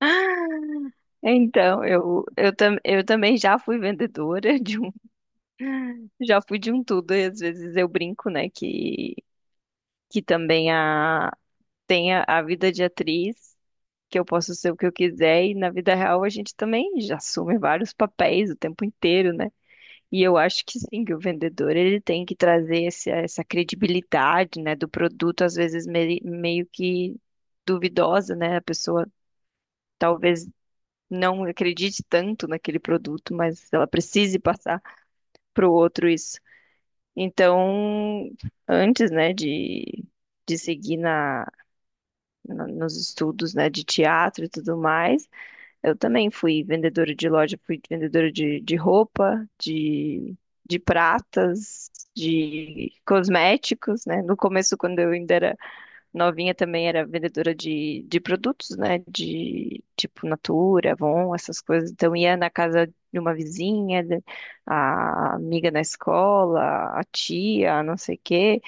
Ah, então, eu também já fui vendedora já fui de um tudo, e às vezes eu brinco, né, que também tem a vida de atriz, que eu posso ser o que eu quiser, e na vida real a gente também já assume vários papéis o tempo inteiro, né? E eu acho que sim, que o vendedor ele tem que trazer essa credibilidade, né, do produto, às vezes meio que duvidosa, né? A pessoa talvez não acredite tanto naquele produto, mas ela precise passar para o outro isso. Então, antes, né, de seguir nos estudos, né, de teatro e tudo mais, eu também fui vendedora de loja, fui vendedora de roupa, de pratas, de cosméticos, né? No começo, quando eu ainda era novinha também era vendedora de produtos, né? De tipo Natura, Avon, essas coisas. Então ia na casa de uma vizinha, a amiga na escola, a tia, não sei o quê.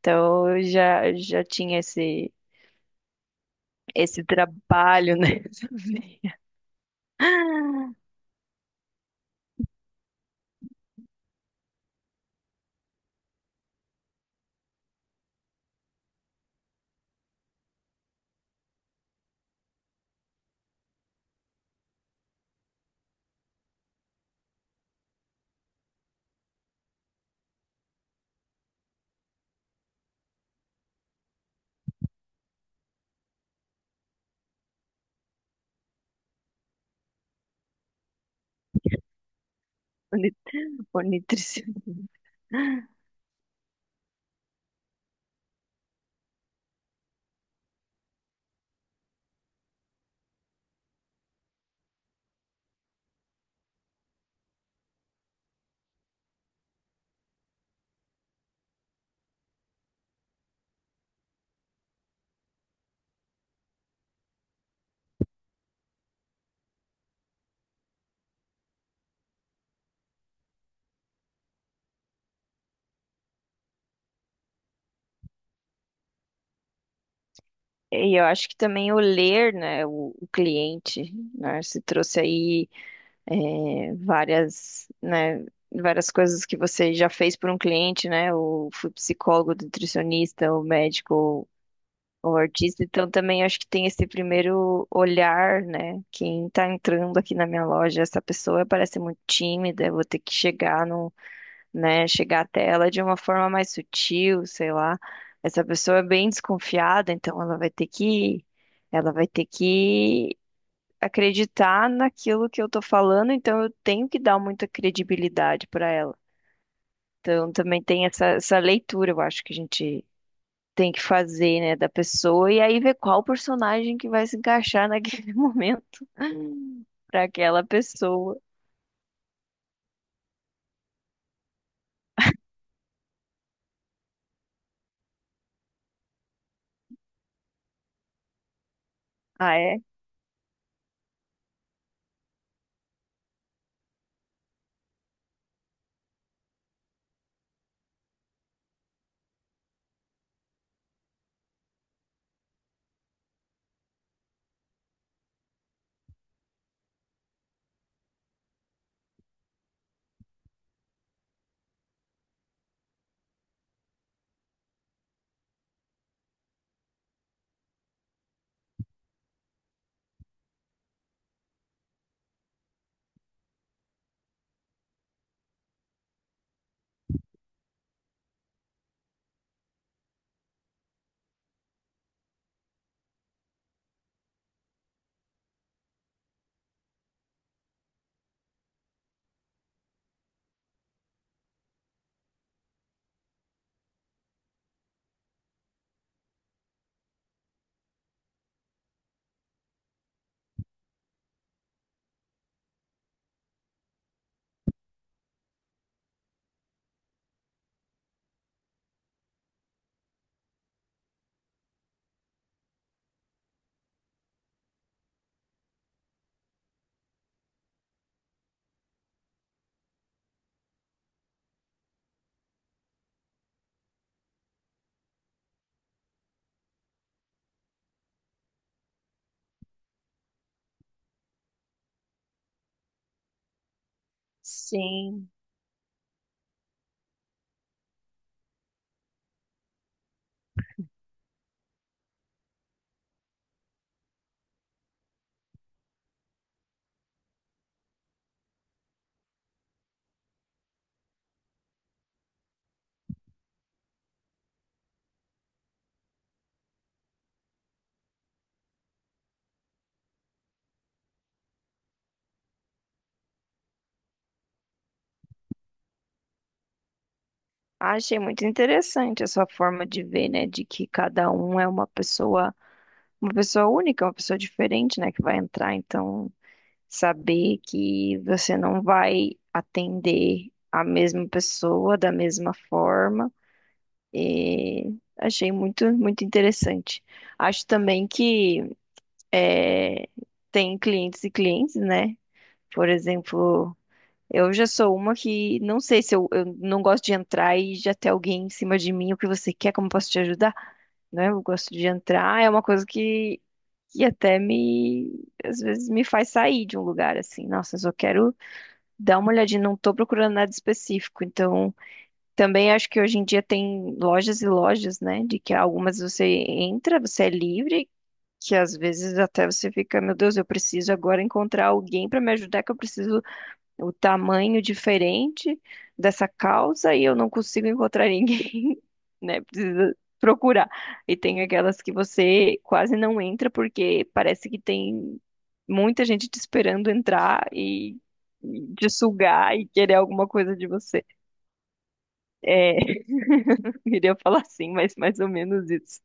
Então eu já tinha esse trabalho, né? essa veia por nutricionista. E eu acho que também o ler, né, o cliente, né, se trouxe aí é, várias, né, várias coisas que você já fez por um cliente, né? Ou foi psicólogo, nutricionista, ou médico, ou, artista. Então também acho que tem esse primeiro olhar, né? Quem tá entrando aqui na minha loja, essa pessoa parece muito tímida, eu vou ter que chegar no, né, chegar até ela de uma forma mais sutil, sei lá. Essa pessoa é bem desconfiada, então ela vai ter que acreditar naquilo que eu tô falando, então eu tenho que dar muita credibilidade para ela. Então também tem essa leitura, eu acho que a gente tem que fazer, né, da pessoa e aí ver qual personagem que vai se encaixar naquele momento para aquela pessoa. Ah, é? Sim. Ah, achei muito interessante essa forma de ver, né, de que cada um é uma pessoa única, uma pessoa diferente, né, que vai entrar, então saber que você não vai atender a mesma pessoa da mesma forma. E achei muito, muito interessante. Acho também que é, tem clientes e clientes, né? Por exemplo, eu já sou uma que não sei se eu não gosto de entrar e já ter alguém em cima de mim, o que você quer, como eu posso te ajudar? Né? Eu gosto de entrar, é uma coisa que até me, às vezes me faz sair de um lugar assim. Nossa, eu só quero dá uma olhadinha, não tô procurando nada específico. Então, também acho que hoje em dia tem lojas e lojas, né? De que algumas você entra, você é livre, que às vezes até você fica, meu Deus, eu preciso agora encontrar alguém para me ajudar, que eu preciso o tamanho diferente dessa causa e eu não consigo encontrar ninguém, né? Precisa procurar. E tem aquelas que você quase não entra porque parece que tem muita gente te esperando entrar e te sugar e querer alguma coisa de você. É, queria falar assim, mas mais ou menos isso.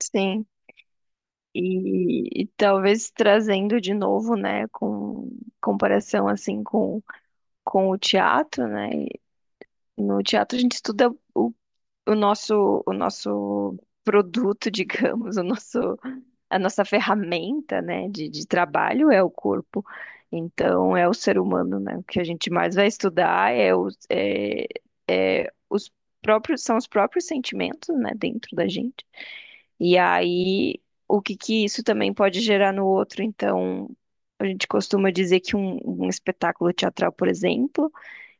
Sim. E talvez trazendo de novo, né, com comparação assim com o teatro, né? E no teatro a gente estuda o nosso produto, digamos, o nosso, a nossa ferramenta, né, de trabalho é o corpo. Então, é o ser humano, né? O que a gente mais vai estudar é é os próprios, são os próprios sentimentos, né, dentro da gente. E aí, o que que isso também pode gerar no outro? Então, a gente costuma dizer que um espetáculo teatral, por exemplo,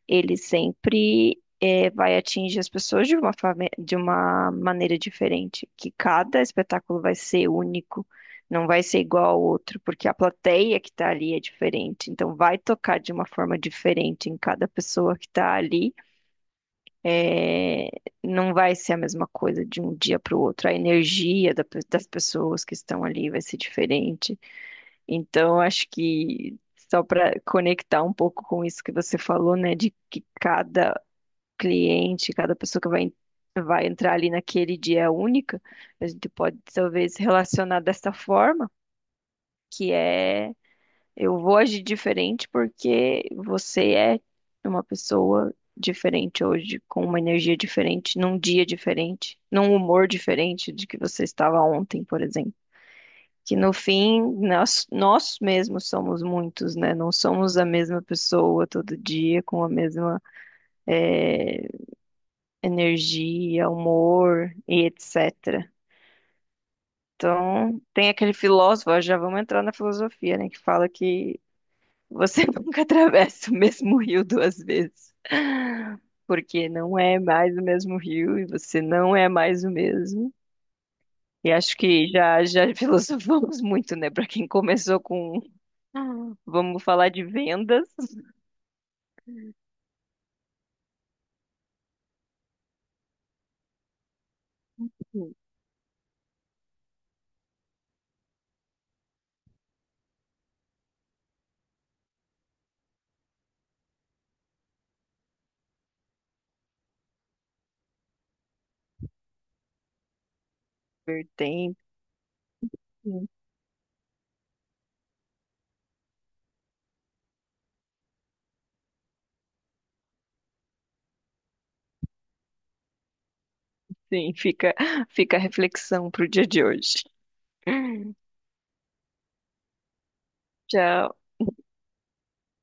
ele sempre vai atingir as pessoas de de uma maneira diferente, que cada espetáculo vai ser único, não vai ser igual ao outro, porque a plateia que está ali é diferente, então vai tocar de uma forma diferente em cada pessoa que está ali, eh, não vai ser a mesma coisa de um dia para o outro, a energia das pessoas que estão ali vai ser diferente, então acho que só para conectar um pouco com isso que você falou, né, de que cada cliente, cada pessoa que vai entrar ali naquele dia é única, a gente pode talvez relacionar dessa forma, que é eu vou agir diferente porque você é uma pessoa diferente hoje, com uma energia diferente, num dia diferente, num humor diferente de que você estava ontem, por exemplo. Que no fim, nós mesmos somos muitos, né? Não somos a mesma pessoa todo dia, com a mesma energia, humor e etc. Então, tem aquele filósofo, já vamos entrar na filosofia, né, que fala que você nunca atravessa o mesmo rio duas vezes, porque não é mais o mesmo rio e você não é mais o mesmo. E acho que já filosofamos muito, né, para quem começou com vamos falar de vendas, vertente, sim, fica a reflexão para o dia de hoje. Tchau.